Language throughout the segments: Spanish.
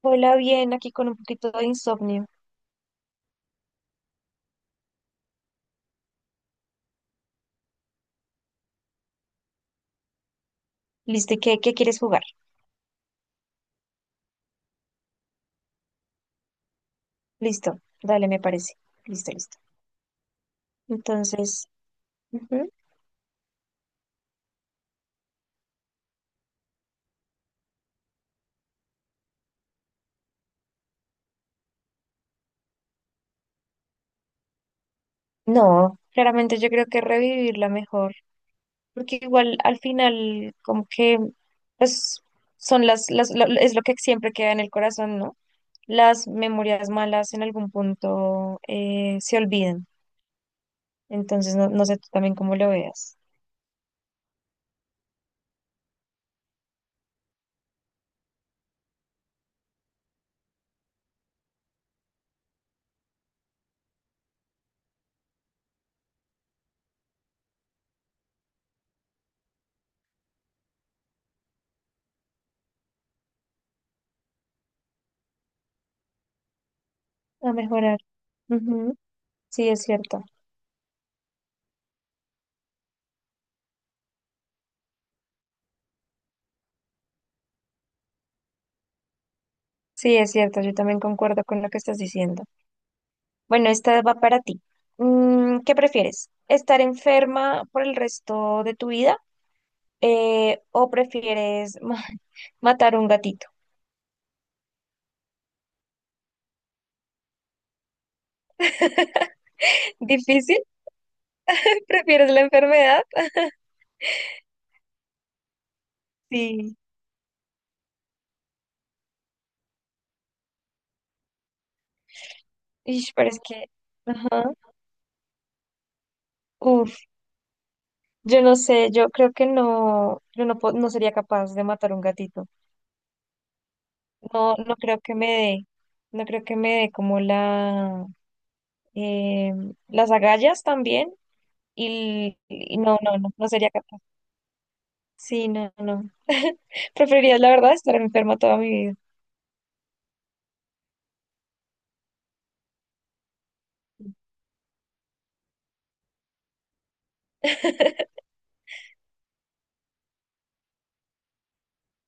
Hola, bien, aquí con un poquito de insomnio. Listo, ¿y qué quieres jugar? Listo, dale, me parece. Listo, listo. Entonces, ujú. No, claramente yo creo que revivirla mejor, porque igual al final como que pues son las, es lo que siempre queda en el corazón, ¿no? Las memorias malas en algún punto se olvidan. Entonces, no, no sé tú también cómo lo veas. A mejorar. Ujú. Sí, es cierto. Sí, es cierto, yo también concuerdo con lo que estás diciendo. Bueno, esta va para ti. Mm, ¿qué prefieres? ¿Estar enferma por el resto de tu vida? ¿O prefieres matar un gatito? ¿Difícil? ¿Prefieres la enfermedad? Sí. Ish, pero es que... Ajá. Uf, yo no sé, yo creo que no, yo no, no sería capaz de matar un gatito. No, no creo que me dé, no creo que me dé como la, eh, las agallas también. Y no, no, no sería capaz. Sí, no, no. Preferiría, la verdad, estar enferma toda mi vida.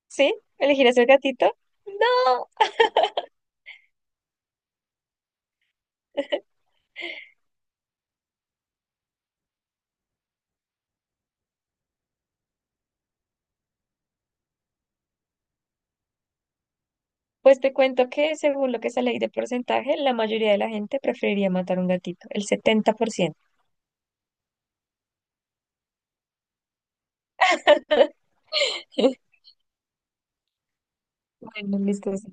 ¿Sí? ¿Elegirás el gatito? No. Pues te cuento que según lo que sale ahí de porcentaje, la mayoría de la gente preferiría matar un gatito, el 70%. Bueno, listo. Sí.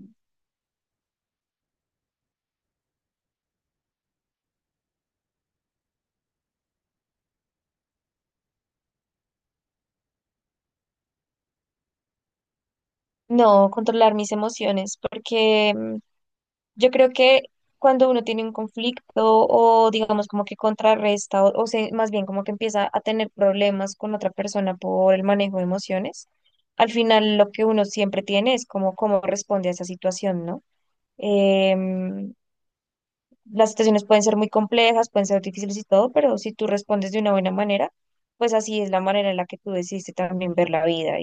No, controlar mis emociones, porque yo creo que cuando uno tiene un conflicto o digamos como que contrarresta o más bien como que empieza a tener problemas con otra persona por el manejo de emociones, al final lo que uno siempre tiene es como cómo responde a esa situación, ¿no? Em, las situaciones pueden ser muy complejas, pueden ser difíciles y todo, pero si tú respondes de una buena manera, pues así es la manera en la que tú decidiste también ver la vida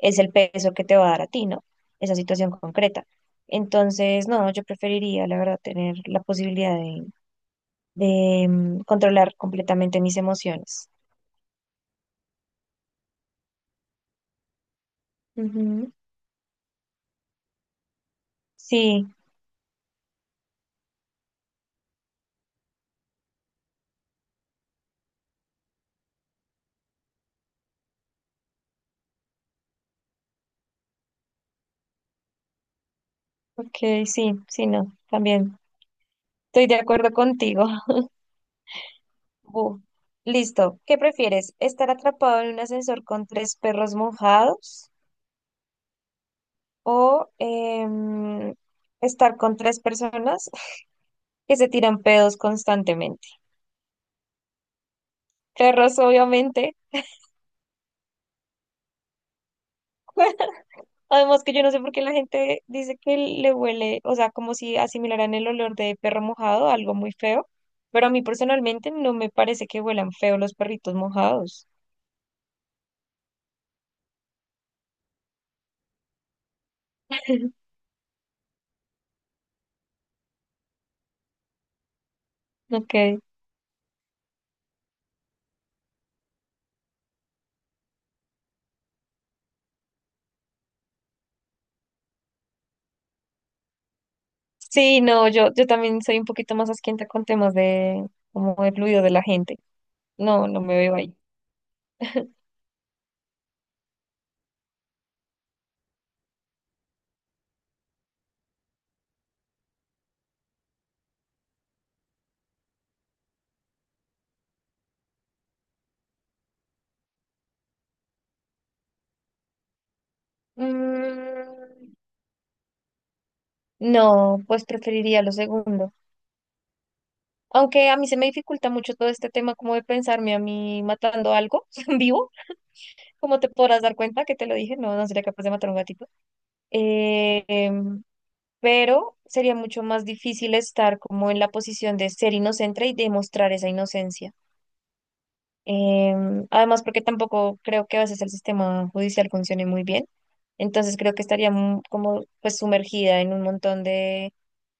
es el peso que te va a dar a ti, ¿no? Esa situación concreta. Entonces, no, yo preferiría, la verdad, tener la posibilidad de controlar completamente mis emociones. Ujú. Sí, ok, sí, sí, no, también estoy de acuerdo contigo. Bu. Listo. ¿Qué prefieres? ¿Estar atrapado en un ascensor con tres perros mojados o estar con tres personas que se tiran pedos constantemente? Perros, obviamente. Además que yo no sé por qué la gente dice que le huele, o sea, como si asimilaran el olor de perro mojado, algo muy feo, pero a mí personalmente no me parece que huelan feo los perritos mojados. Ok. Sí, no, yo también soy un poquito más asquienta con temas de como de fluido de la gente. No, no me veo ahí. Mm, no, pues preferiría lo segundo. Aunque a mí se me dificulta mucho todo este tema como de pensarme a mí matando algo en vivo. Como te podrás dar cuenta, que te lo dije, no, no sería capaz de matar a un gatito. Eh, em, pero sería mucho más difícil estar como en la posición de ser inocente y demostrar esa inocencia. Em, además, porque tampoco creo que a veces el sistema judicial funcione muy bien. Entonces creo que estaría como pues sumergida en un montón de,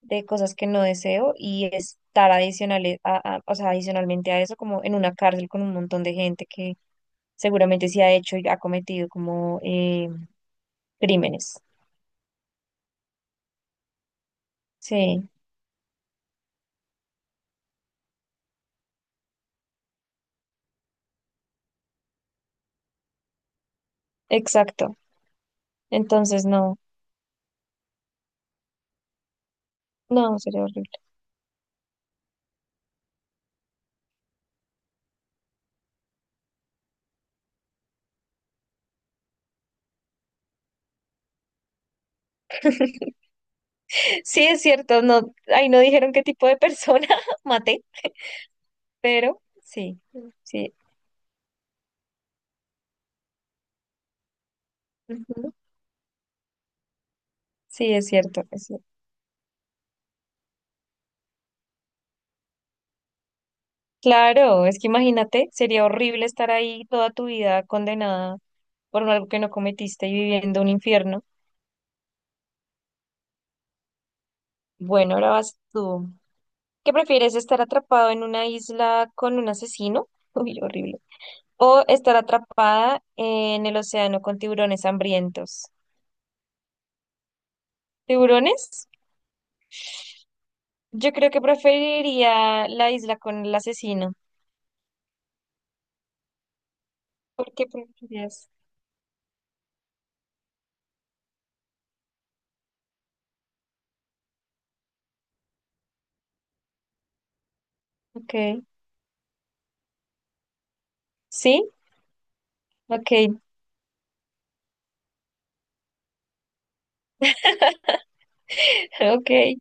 de cosas que no deseo y estar adicionales a, o sea, adicionalmente a eso, como en una cárcel con un montón de gente que seguramente sí ha hecho y ha cometido como crímenes. Sí, exacto. Entonces no, no, sería horrible. Sí, es cierto, no, ahí no dijeron qué tipo de persona maté, pero sí, sí, ujú, sí, es cierto, es cierto. Claro, es que imagínate, sería horrible estar ahí toda tu vida condenada por algo que no cometiste y viviendo un infierno. Bueno, ahora vas tú. ¿Qué prefieres, estar atrapado en una isla con un asesino? Uy, horrible. O estar atrapada en el océano con tiburones hambrientos. ¿Tiburones? Yo creo que preferiría la isla con el asesino. ¿Por qué preferirías? Ok. ¿Sí? Ok. Ok.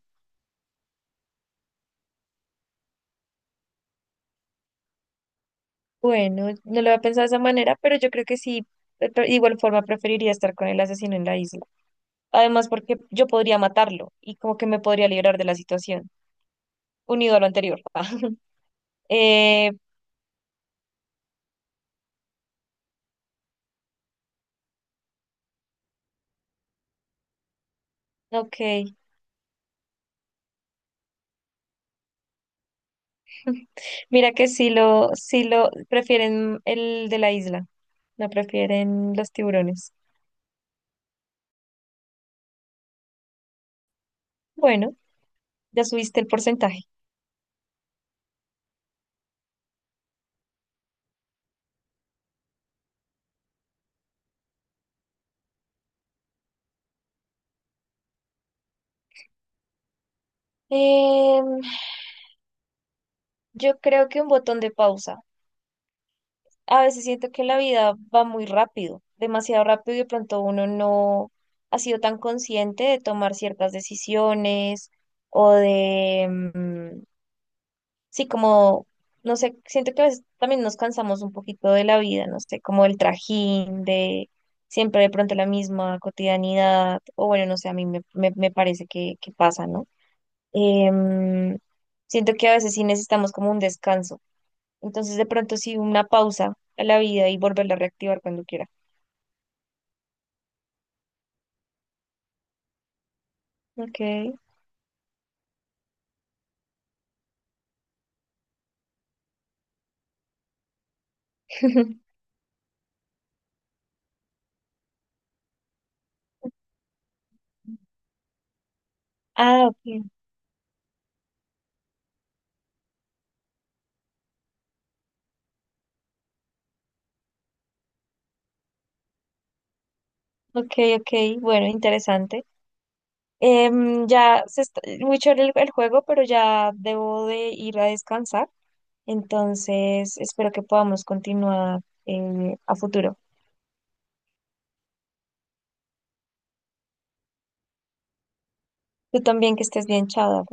Bueno, no lo había pensado de esa manera, pero yo creo que sí. De igual forma preferiría estar con el asesino en la isla. Además, porque yo podría matarlo y como que me podría librar de la situación, unido a lo anterior. Eh, ok. Mira que sí lo prefieren el de la isla, no prefieren los tiburones. Bueno. Ya subiste el porcentaje. Em, yo creo que un botón de pausa. A veces siento que la vida va muy rápido, demasiado rápido y de pronto uno no ha sido tan consciente de tomar ciertas decisiones o de, sí, como, no sé, siento que a veces también nos cansamos un poquito de la vida, no sé, como el trajín de siempre de pronto la misma cotidianidad o bueno, no sé, a mí me parece que pasa, ¿no? Em, siento que a veces sí necesitamos como un descanso. Entonces, de pronto sí una pausa a la vida y volverla a reactivar cuando quiera. Ok. Ah, ok, ok, ok, bueno, interesante. Em, ya se está, muy chévere el juego, pero ya debo de ir a descansar, entonces espero que podamos continuar a futuro. Tú también que estés bien, chao.